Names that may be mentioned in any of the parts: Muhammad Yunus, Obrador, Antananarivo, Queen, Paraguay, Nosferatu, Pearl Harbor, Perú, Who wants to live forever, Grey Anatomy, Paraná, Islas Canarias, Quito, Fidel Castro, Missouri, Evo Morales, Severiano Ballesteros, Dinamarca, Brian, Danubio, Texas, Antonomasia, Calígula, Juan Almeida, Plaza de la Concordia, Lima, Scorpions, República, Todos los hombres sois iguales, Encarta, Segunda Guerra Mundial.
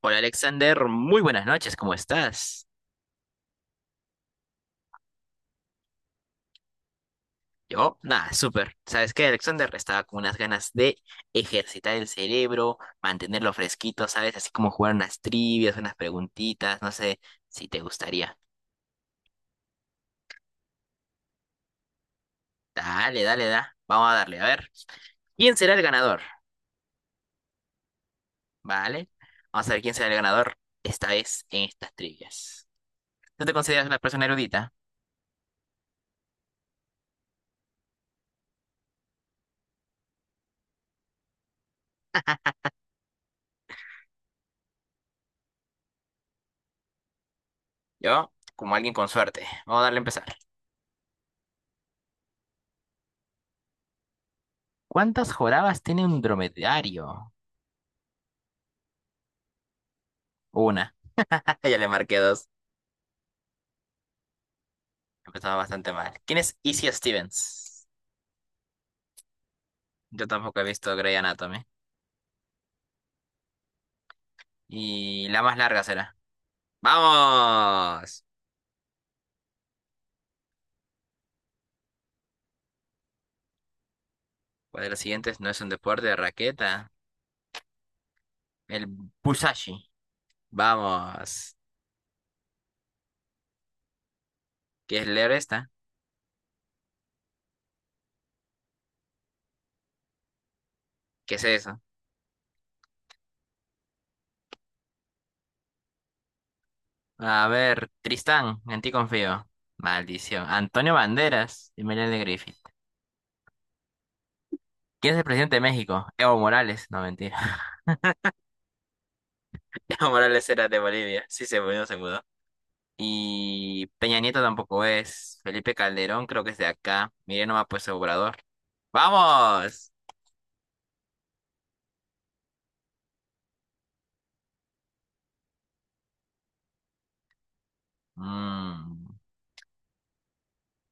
Hola Alexander, muy buenas noches, ¿cómo estás? Yo, nada, súper. ¿Sabes qué, Alexander? Estaba con unas ganas de ejercitar el cerebro, mantenerlo fresquito, ¿sabes? Así como jugar unas trivias, unas preguntitas, no sé si te gustaría. Dale, dale, da. Vamos a darle, a ver. ¿Quién será el ganador? ¿Vale? Vamos a ver quién será el ganador esta vez en estas trivias. ¿Tú te consideras una persona erudita? Yo, como alguien con suerte. Vamos a darle a empezar. ¿Cuántas jorabas tiene un dromedario? Una. Ya le marqué dos. Empezaba bastante mal. ¿Quién es Izzy Stevens? Yo tampoco he visto Grey Anatomy. Y la más larga será. ¡Vamos! ¿Cuál de los siguientes no es un deporte de raqueta? El Busashi. Vamos. ¿Qué es leer esta? ¿Qué es eso? A ver, Tristán, en ti confío. Maldición. Antonio Banderas y Melanie de Griffith. ¿Quién es el presidente de México? Evo Morales. No, mentira. Evo Morales era de Bolivia. Sí, se mudó, se mudó. Y Peña Nieto tampoco es. Felipe Calderón creo que es de acá. Mire nomás pues Obrador. ¡Vamos! Mm,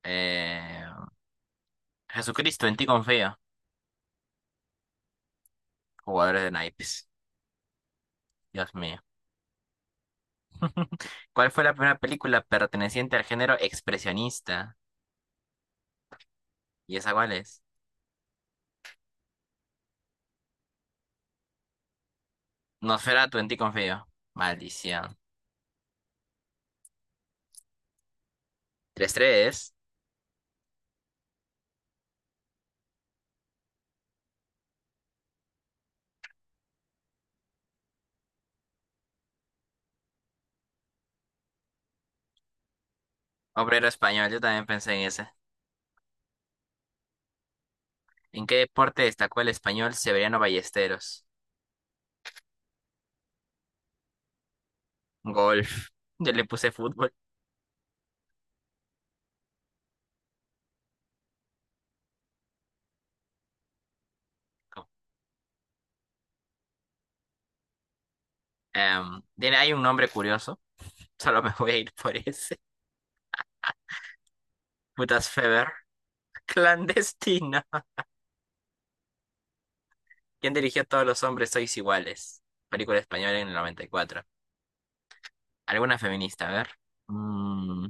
eh, Jesucristo, en ti confío. Jugadores de naipes. Dios mío. ¿Cuál fue la primera película perteneciente al género expresionista? ¿Y esa cuál es? Nosferatu, en ti confío. Maldición. Tres tres. Obrero español, yo también pensé en ese. ¿En qué deporte destacó el español Severiano Ballesteros? Golf. Yo le puse fútbol. Tiene hay un nombre curioso. Solo me voy a ir por ese. Putas Feber. Clandestina. ¿Quién dirigió Todos los hombres sois iguales? Película española en el noventa y cuatro. ¿Alguna feminista? A ver. Mm,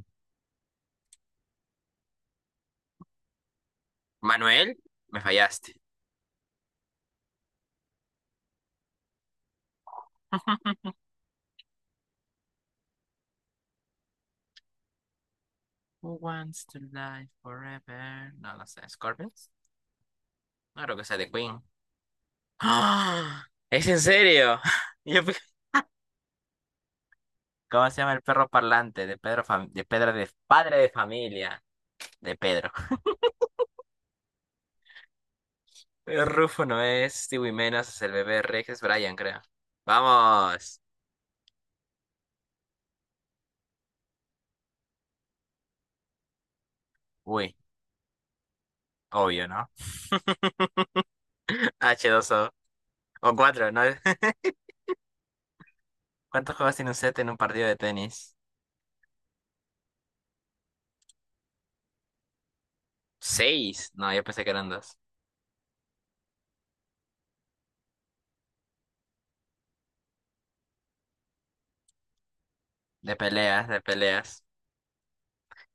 Manuel, me fallaste. Who wants to live forever? No lo sé. ¿Scorpions? No creo que sea de Queen. ¡Ah! ¿Es en serio? Yo pe- ¿Cómo se llama el perro parlante de Pedro Fam- de Pedro de padre de familia? De Pedro. Rufo no es Stewie Menas, es el bebé Rex, es Brian, creo. ¡Vamos! Uy, obvio, ¿no? H2O. O cuatro, ¿no? ¿Cuántos juegos tiene un set en un partido de tenis? Seis. No, yo pensé que eran dos. De peleas, de peleas.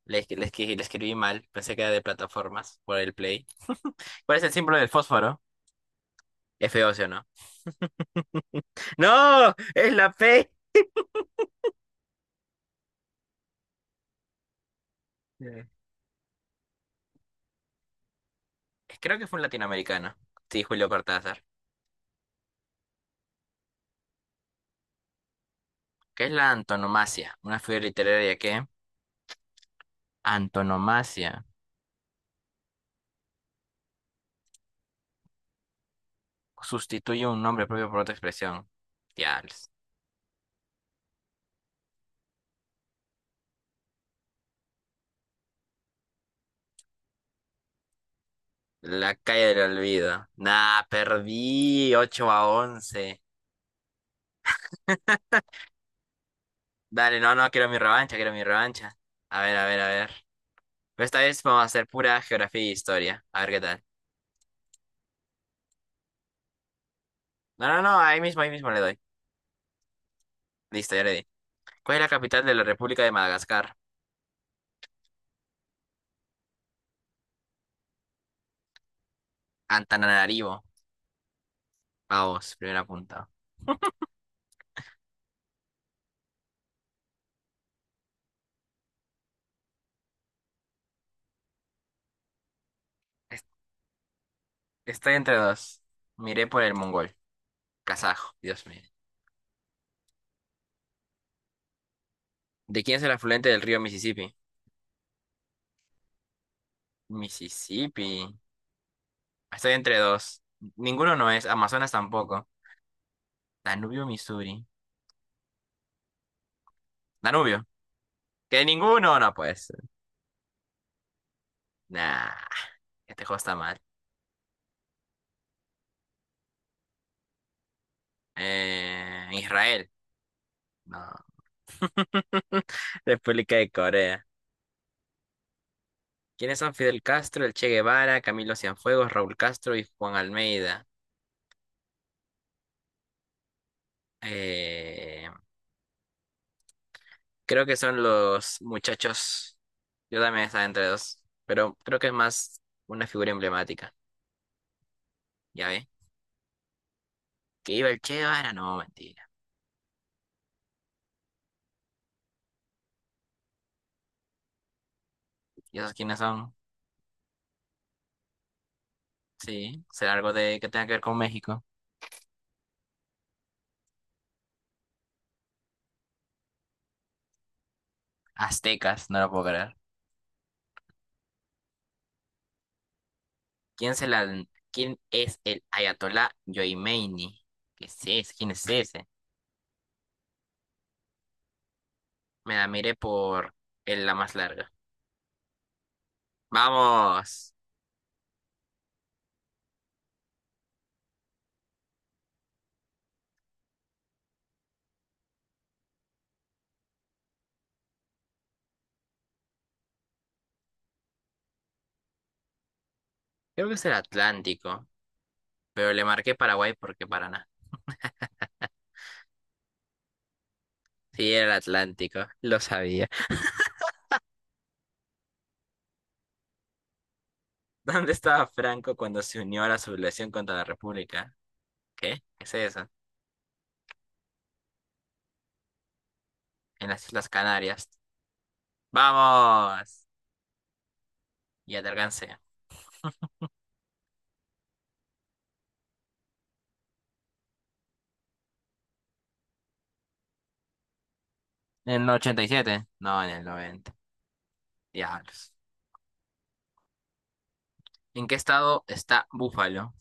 Le, escri- le escribí mal, pensé que era de plataformas, por el play. ¿Cuál es el símbolo del fósforo? F-óseo, ¿no? ¡No! ¡Es la P! Sí. Creo que fue un latinoamericano. Sí, Julio Cortázar. ¿Qué es la antonomasia? Una figura literaria que antonomasia. Sustituye un nombre propio por otra expresión. Diablos. La calle del olvido. Nah, perdí 8 a 11. Dale, no, no, quiero mi revancha, quiero mi revancha. A ver, a ver, a ver. Pero esta vez vamos a hacer pura geografía e historia. A ver qué tal. No, no, no, ahí mismo le doy. Listo, ya le di. ¿Cuál es la capital de la República de Madagascar? Antananarivo. Vamos, primer apuntado. Es- Estoy entre dos. Miré por el mongol. Kazajo, Dios mío. ¿De quién es el afluente del río Mississippi? Mississippi. Estoy entre dos. Ninguno no es. Amazonas tampoco. Danubio, Missouri. Danubio. Que ninguno no puede ser. Nah, este juego está mal. Israel. No. República de Corea. ¿Quiénes son Fidel Castro, el Che Guevara, Camilo Cienfuegos, Raúl Castro y Juan Almeida? Eh, creo que son los muchachos. Yo también estaba entre dos, pero creo que es más una figura emblemática. ¿Ya ve? Que iba el Che Guevara, no, mentira. ¿Y esos quiénes son? Sí, será algo de que tenga que ver con México. Aztecas, no lo puedo creer. ¿Quién, se la, quién es el Ayatolá Yomeini? ¿Qué es ese? ¿Quién es ese? Me la miré por el- la más larga. ¡Vamos! Creo que es el Atlántico, pero le marqué Paraguay porque Paraná. Sí, era el Atlántico, lo sabía. ¿Dónde estaba Franco cuando se unió a la sublevación contra la República? ¿Qué? ¿Qué es eso? En las Islas Canarias. ¡Vamos! Ya te alcancé. ¿En el ochenta y siete? No, en el noventa. Diablos. ¿En qué estado está Búfalo?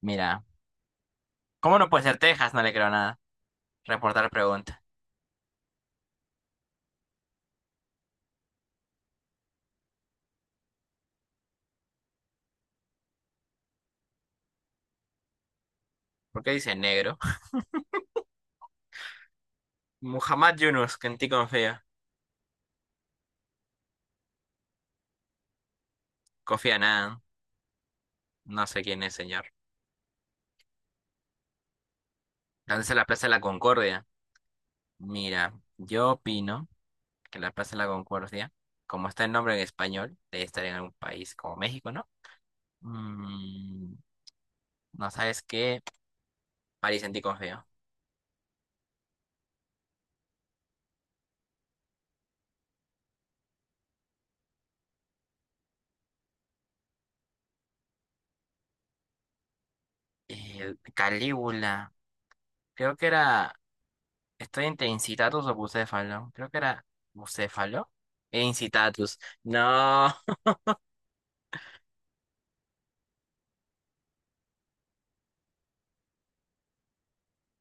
Mira, ¿cómo no puede ser Texas? No le creo nada. Reportar pregunta. ¿Por qué dice negro? Muhammad Yunus, que en ti confío. Confía nada. No sé quién es, señor. ¿Dónde está la Plaza de la Concordia? Mira, yo opino que la Plaza de la Concordia, como está el nombre en español, debe estar en algún país como México, ¿no? Mm, no sabes qué. París, en ti confío. Calígula. Creo que era. Estoy entre incitatus o bucéfalo. Creo que era bucéfalo. E incitatus. No,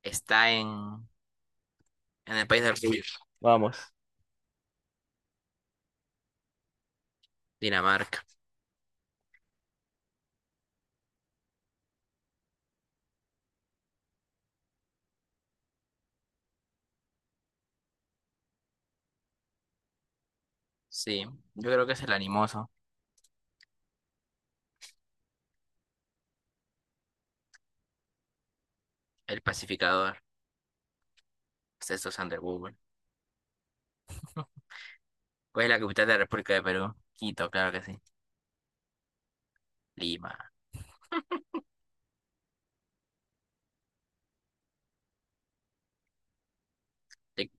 está en el país del sur. Vamos. Dinamarca. Sí, yo creo que es el animoso, el pacificador. Sexto Sander Google. ¿Cuál es la capital de la República de Perú? Quito, claro que sí. Lima. Tic.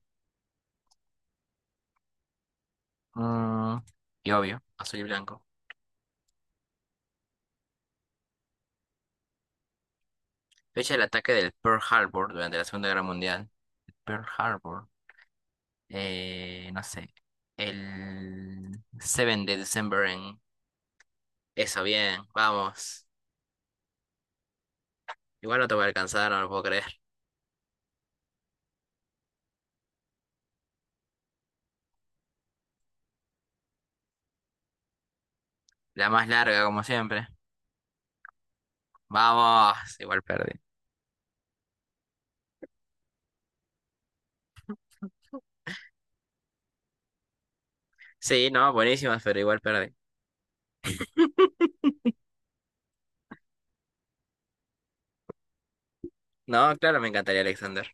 Mm, y obvio, azul y blanco. Fecha del ataque del Pearl Harbor durante la Segunda Guerra Mundial. Pearl Harbor. No sé. El 7 de diciembre. Eso, bien, vamos. Igual no te voy a alcanzar, no lo puedo creer. La más larga, como siempre. Vamos, igual perdí. Sí, no, buenísimas, pero igual perdí. No, claro, me encantaría Alexander.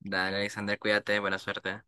Dale, Alexander, cuídate, buena suerte.